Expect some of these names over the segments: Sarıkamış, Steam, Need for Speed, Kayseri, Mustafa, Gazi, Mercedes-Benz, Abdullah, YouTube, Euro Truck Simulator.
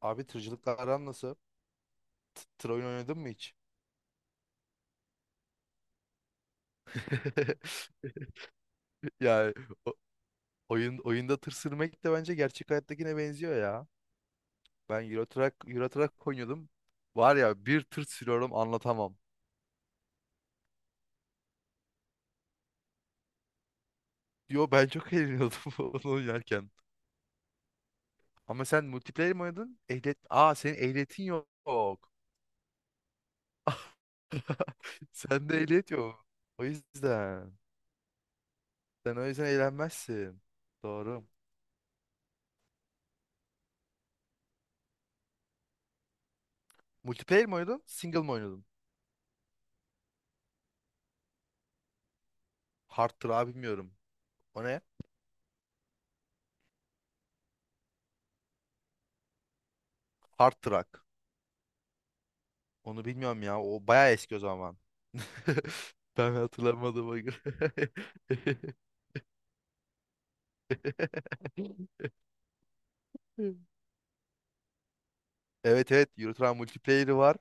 Abi tırcılıkla aran nasıl? Tır oyun oynadın mı hiç? Yani, o- oyunda tır sürmek de bence gerçek hayattakine benziyor ya. Ben Euro Truck oynuyordum. Var ya, bir tır sürüyorum, anlatamam. Yo, ben çok eğleniyordum onu oynarken. Ama sen multiplayer mi oynadın? Ehliyet... Aa, senin ehliyetin yok. Sende ehliyet yok. O yüzden. Sen o yüzden eğlenmezsin. Doğru. Multiplayer mi oynadın? Single mi oynadın? Hard tır abi, bilmiyorum. O ne? Hard Truck, onu bilmiyorum ya. O bayağı eski o zaman. Ben hatırlamadığıma göre. Evet, evet, Euro multiplayer'i var.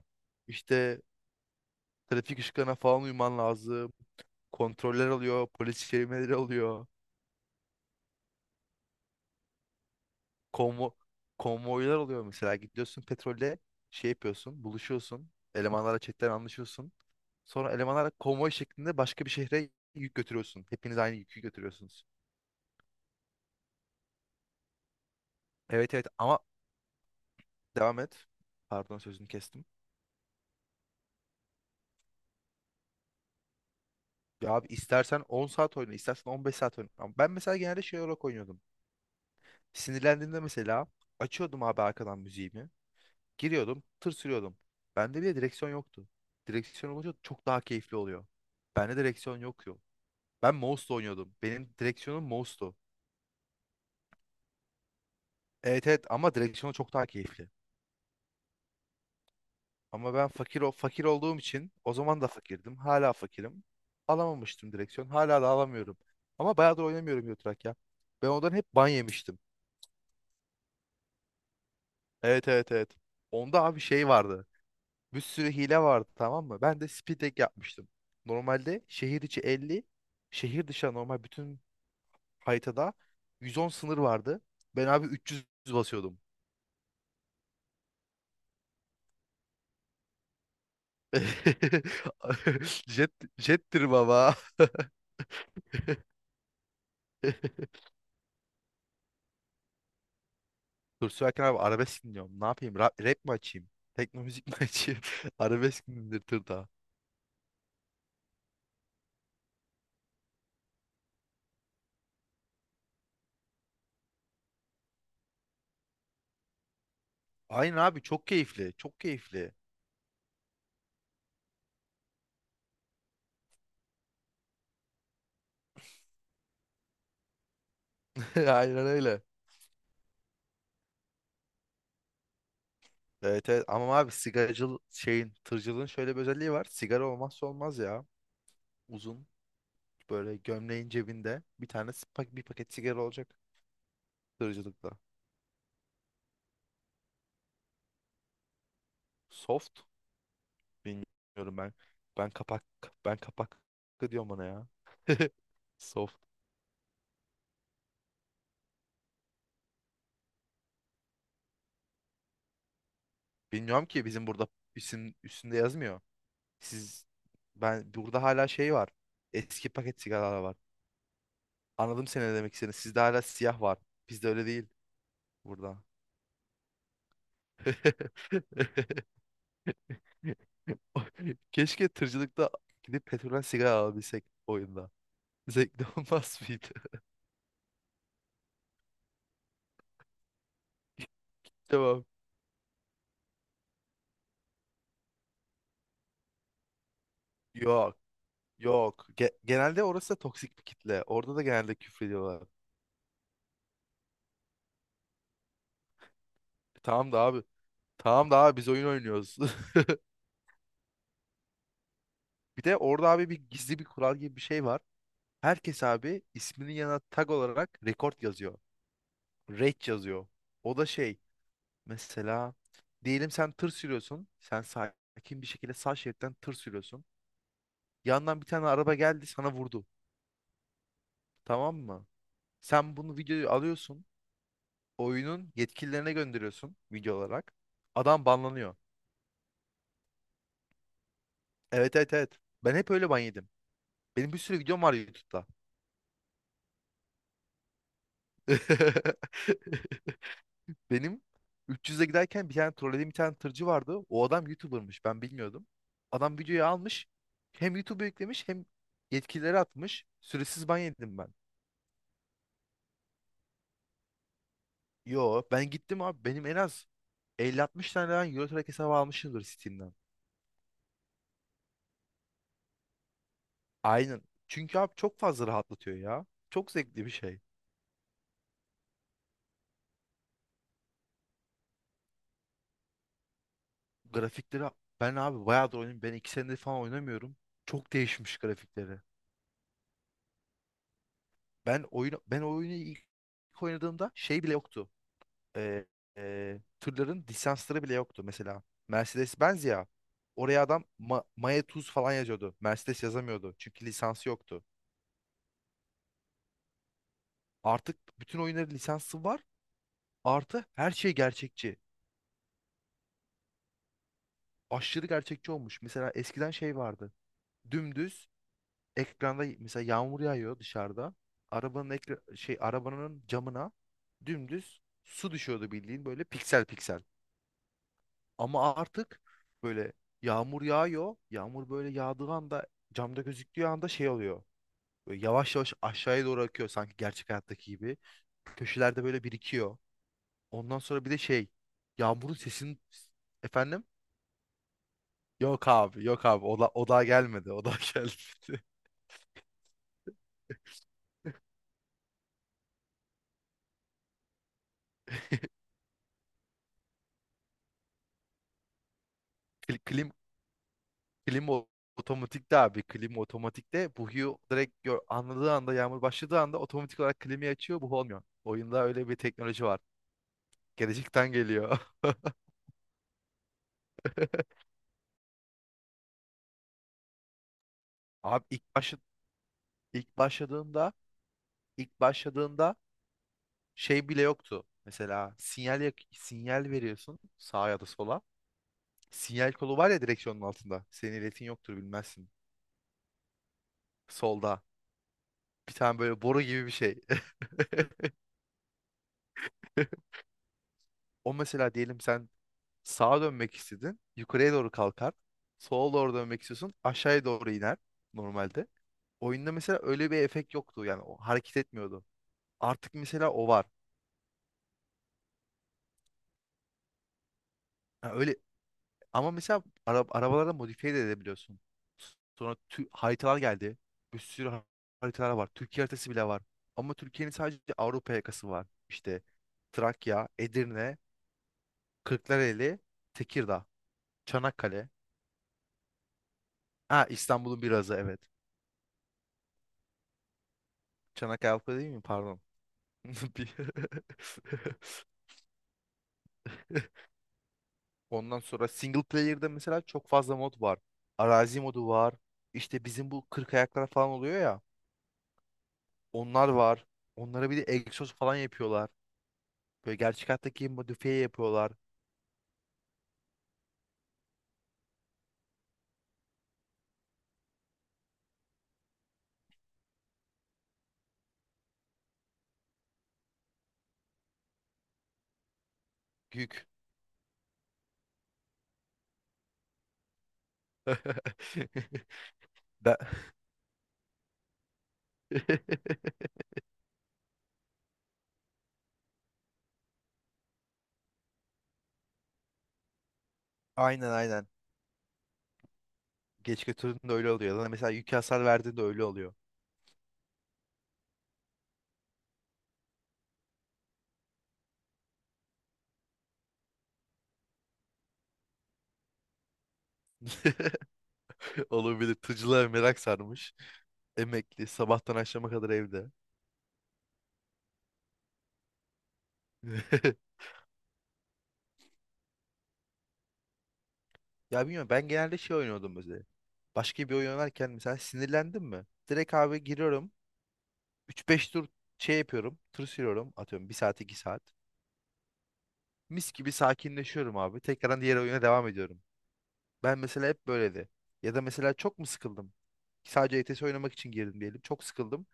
İşte trafik ışıklarına falan uyman lazım. Kontroller oluyor, polis çevirmeleri oluyor. Konvo konvoylar oluyor mesela. Gidiyorsun petrolde şey yapıyorsun, buluşuyorsun. Elemanlarla chatten anlaşıyorsun. Sonra elemanlarla konvoy şeklinde başka bir şehre yük götürüyorsun. Hepiniz aynı yükü götürüyorsunuz. Evet, evet, ama... Devam et. Pardon, sözünü kestim. Ya abi, istersen 10 saat oyna, istersen 15 saat oyna. Ama ben mesela genelde şey olarak oynuyordum. Sinirlendiğimde mesela açıyordum abi arkadan müziğimi. Giriyordum, tır sürüyordum. Bende bile direksiyon yoktu. Direksiyon olunca çok daha keyifli oluyor. Bende direksiyon yok yo. Ben mouse'la oynuyordum. Benim direksiyonum mouse'tu. Evet, evet, ama direksiyon çok daha keyifli. Ama ben fakir o fakir olduğum için o zaman da fakirdim. Hala fakirim. Alamamıştım direksiyon. Hala da alamıyorum. Ama bayağıdır oynamıyorum Euro Truck ya. Ben ondan hep ban yemiştim. Evet, evet, evet. Onda abi şey vardı. Bir sürü hile vardı, tamam mı? Ben de speed hack yapmıştım. Normalde şehir içi 50, şehir dışı normal bütün haritada 110 sınır vardı. Ben abi 300 basıyordum. Jet, jettir baba. Dur, sürerken abi arabesk dinliyorum. Ne yapayım? Rap mi açayım? Tekno müzik mi açayım? Arabesk mi dinletir daha? Aynen abi, çok keyifli. Çok keyifli. Aynen öyle. Evet, evet. Ama abi sigaracıl şeyin tırcılığın şöyle bir özelliği var. Sigara olmazsa olmaz ya. Uzun böyle gömleğin cebinde bir tane bir paket sigara olacak tırcılıkta. Soft, bilmiyorum ben. Ben kapak ben kapak diyorum ona ya. Soft. Bilmiyorum ki, bizim burada isim üstünde yazmıyor. Siz... Ben burada hala şey var. Eski paket sigaralar var. Anladım seni, ne demek istediğini. Sizde hala siyah var. Bizde öyle değil burada. Keşke tırcılıkta gidip petrolden sigara alabilsek oyunda. Zevkli olmaz mıydı? Tamam. Yok. Yok. Genelde orası da toksik bir kitle. Orada da genelde küfrediyorlar. Tamam da abi. Tamam da abi, biz oyun oynuyoruz. Bir de orada abi bir gizli bir kural gibi bir şey var. Herkes abi isminin yanına tag olarak rekord yazıyor. Rate yazıyor. O da şey, mesela diyelim sen tır sürüyorsun. Sen sakin bir şekilde sağ şeritten tır sürüyorsun. Yandan bir tane araba geldi, sana vurdu. Tamam mı? Sen bunu, videoyu alıyorsun. Oyunun yetkililerine gönderiyorsun video olarak. Adam banlanıyor. Evet, evet, evet. Ben hep öyle ban yedim. Benim bir sürü videom var YouTube'da. Benim 300'e giderken bir tane trollediğim bir tane tırcı vardı. O adam YouTuber'mış. Ben bilmiyordum. Adam videoyu almış. Hem YouTube'a yüklemiş hem yetkilileri atmış. Süresiz ban yedim ben. Yo, ben gittim abi. Benim en az 50-60 tane ben Eurotrack hesabı almışımdır Steam'den. Aynen. Çünkü abi çok fazla rahatlatıyor ya. Çok zevkli bir şey. Grafikleri... Ben abi bayağıdır oynuyorum. Ben 2 senedir falan oynamıyorum. Çok değişmiş grafikleri. Ben oyunu ilk oynadığımda şey bile yoktu. e, Tırların lisansları bile yoktu mesela. Mercedes-Benz ya. Oraya adam Maya Tuz falan yazıyordu. Mercedes yazamıyordu. Çünkü lisansı yoktu. Artık bütün oyunların lisansı var. Artı her şey gerçekçi. Aşırı gerçekçi olmuş. Mesela eskiden şey vardı. Dümdüz ekranda mesela yağmur yağıyor dışarıda. Arabanın ekra şey arabanın camına dümdüz su düşüyordu, bildiğin böyle piksel piksel. Ama artık böyle yağmur yağıyor. Yağmur böyle yağdığı anda, camda gözüktüğü anda şey oluyor. Böyle yavaş yavaş aşağıya doğru akıyor sanki gerçek hayattaki gibi. Köşelerde böyle birikiyor. Ondan sonra bir de şey, yağmurun sesini... Efendim? Yok abi, yok abi, o daha gelmedi. Kli- Klim, klim o- Otomatikte abi, klim otomatikte buhu direkt anladığı anda, yağmur başladığı anda otomatik olarak klimi açıyor, buhu olmuyor. Oyunda öyle bir teknoloji var. Gelecekten geliyor. Abi ilk başladığında ilk başladığında şey bile yoktu. Mesela sinyal veriyorsun sağa ya da sola. Sinyal kolu var ya direksiyonun altında. Senin iletin yoktur, bilmezsin. Solda bir tane böyle boru gibi bir şey. O, mesela diyelim sen sağa dönmek istedin. Yukarıya doğru kalkar. Sola doğru dönmek istiyorsun. Aşağıya doğru iner normalde. Oyunda mesela öyle bir efekt yoktu. Yani o hareket etmiyordu. Artık mesela o var. Ha, öyle. Ama mesela arabalarda modifiye de edebiliyorsun. Sonra haritalar geldi. Bir sürü haritalar var. Türkiye haritası bile var. Ama Türkiye'nin sadece Avrupa yakası var. İşte Trakya, Edirne, Kırklareli, Tekirdağ, Çanakkale. Ha, İstanbul'un birazı, evet. Çanakkale Avrupa değil mi? Pardon. Bir- Ondan sonra single player'da mesela çok fazla mod var. Arazi modu var. İşte bizim bu kırk ayaklar falan oluyor ya. Onlar var. Onlara bir de egzoz falan yapıyorlar. Böyle gerçek hayattaki gibi modifiye yapıyorlar. Gük. Ben... Aynen, aynen. Geç götürdüğünde öyle oluyor. Lan, mesela yük hasar verdiğinde öyle oluyor. Olabilir. Tırcılığa merak sarmış. Emekli. Sabahtan akşama kadar evde. Ya bilmiyorum, ben genelde şey oynuyordum mesela. Başka bir oyun oynarken mesela sinirlendim mi? Direkt abi giriyorum. 3-5 tur şey yapıyorum. Tur sürüyorum. Atıyorum 1 saat 2 saat. Mis gibi sakinleşiyorum abi. Tekrardan diğer oyuna devam ediyorum. Ben mesela hep böyleydi. Ya da mesela çok mu sıkıldım? Sadece ETS oynamak için girdim diyelim. Çok sıkıldım.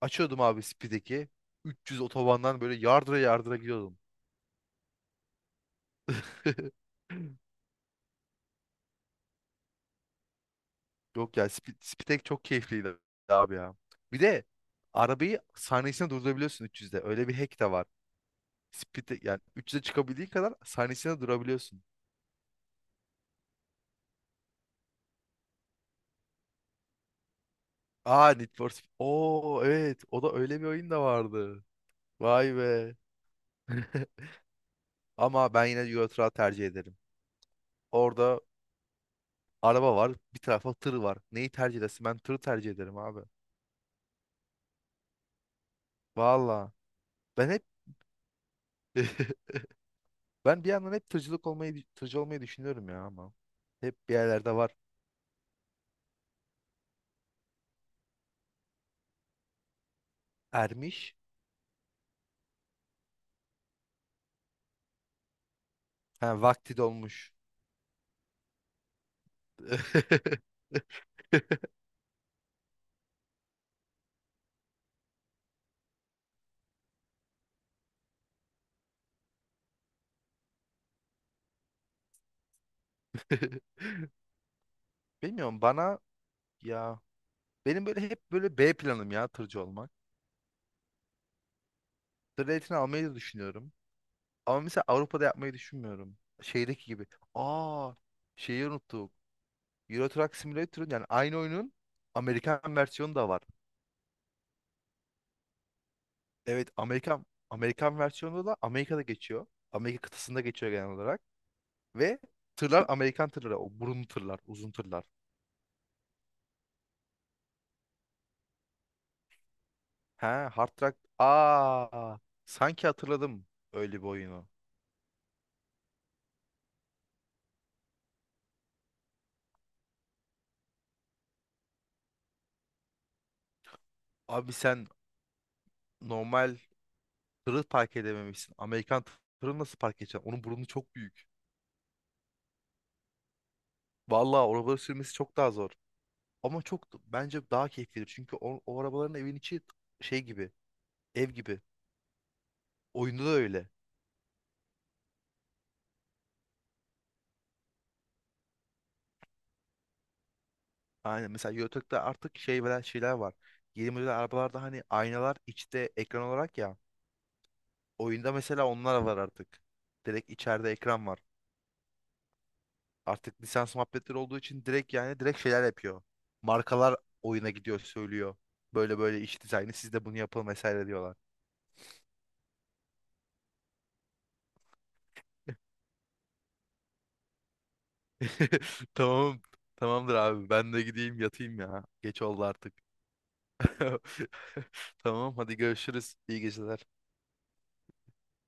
Açıyordum abi Speed'deki. 300 otobandan böyle yardıra yardıra gidiyordum. Yok ya, Speed'deki çok keyifliydi abi ya. Bir de arabayı saniyesine durdurabiliyorsun 300'de. Öyle bir hack de var. Speed'de yani 300'e çıkabildiği kadar saniyesine durabiliyorsun. Aa, Need for Speed. Oo, evet, o da öyle bir oyun da vardı. Vay be. Ama ben yine Euro Truck tercih ederim. Orada araba var. Bir tarafa tır var. Neyi tercih edersin? Ben tırı tercih ederim abi. Valla. Ben hep ben bir yandan hep tırcı olmayı düşünüyorum ya ama. Hep bir yerlerde var. Ermiş. Ha, vakti dolmuş. Bilmiyorum, bana... Ya benim böyle hep böyle B planım ya, tırcı olmak. Tır ehliyetini almayı da düşünüyorum. Ama mesela Avrupa'da yapmayı düşünmüyorum. Şeydeki gibi. Aa, şeyi unuttuk. Euro Truck Simulator'ın, yani aynı oyunun Amerikan versiyonu da var. Evet, Amerikan versiyonunda da Amerika'da geçiyor. Amerika kıtasında geçiyor genel olarak. Ve tırlar Amerikan tırları. O burun tırlar, uzun tırlar. He, Hard Truck. Aa, sanki hatırladım öyle bir oyunu. Abi sen normal tırı park edememişsin. Amerikan tırı nasıl park edeceksin? Onun burnu çok büyük. Vallahi o arabaları sürmesi çok daha zor. Ama çok, bence daha keyiflidir. Çünkü o arabaların evin içi şey gibi, ev gibi. Oyunda da öyle. Aynen, mesela YouTube'da artık şey veren şeyler var. Yeni model arabalarda hani aynalar içte ekran olarak ya. Oyunda mesela onlar var artık. Direkt içeride ekran var. Artık lisans muhabbetleri olduğu için direkt, yani direkt şeyler yapıyor. Markalar oyuna gidiyor söylüyor. Böyle böyle iç dizaynı siz de bunu yapın vesaire diyorlar. Tamam. Tamamdır abi, ben de gideyim yatayım ya. Geç oldu artık. Tamam, hadi görüşürüz. İyi geceler.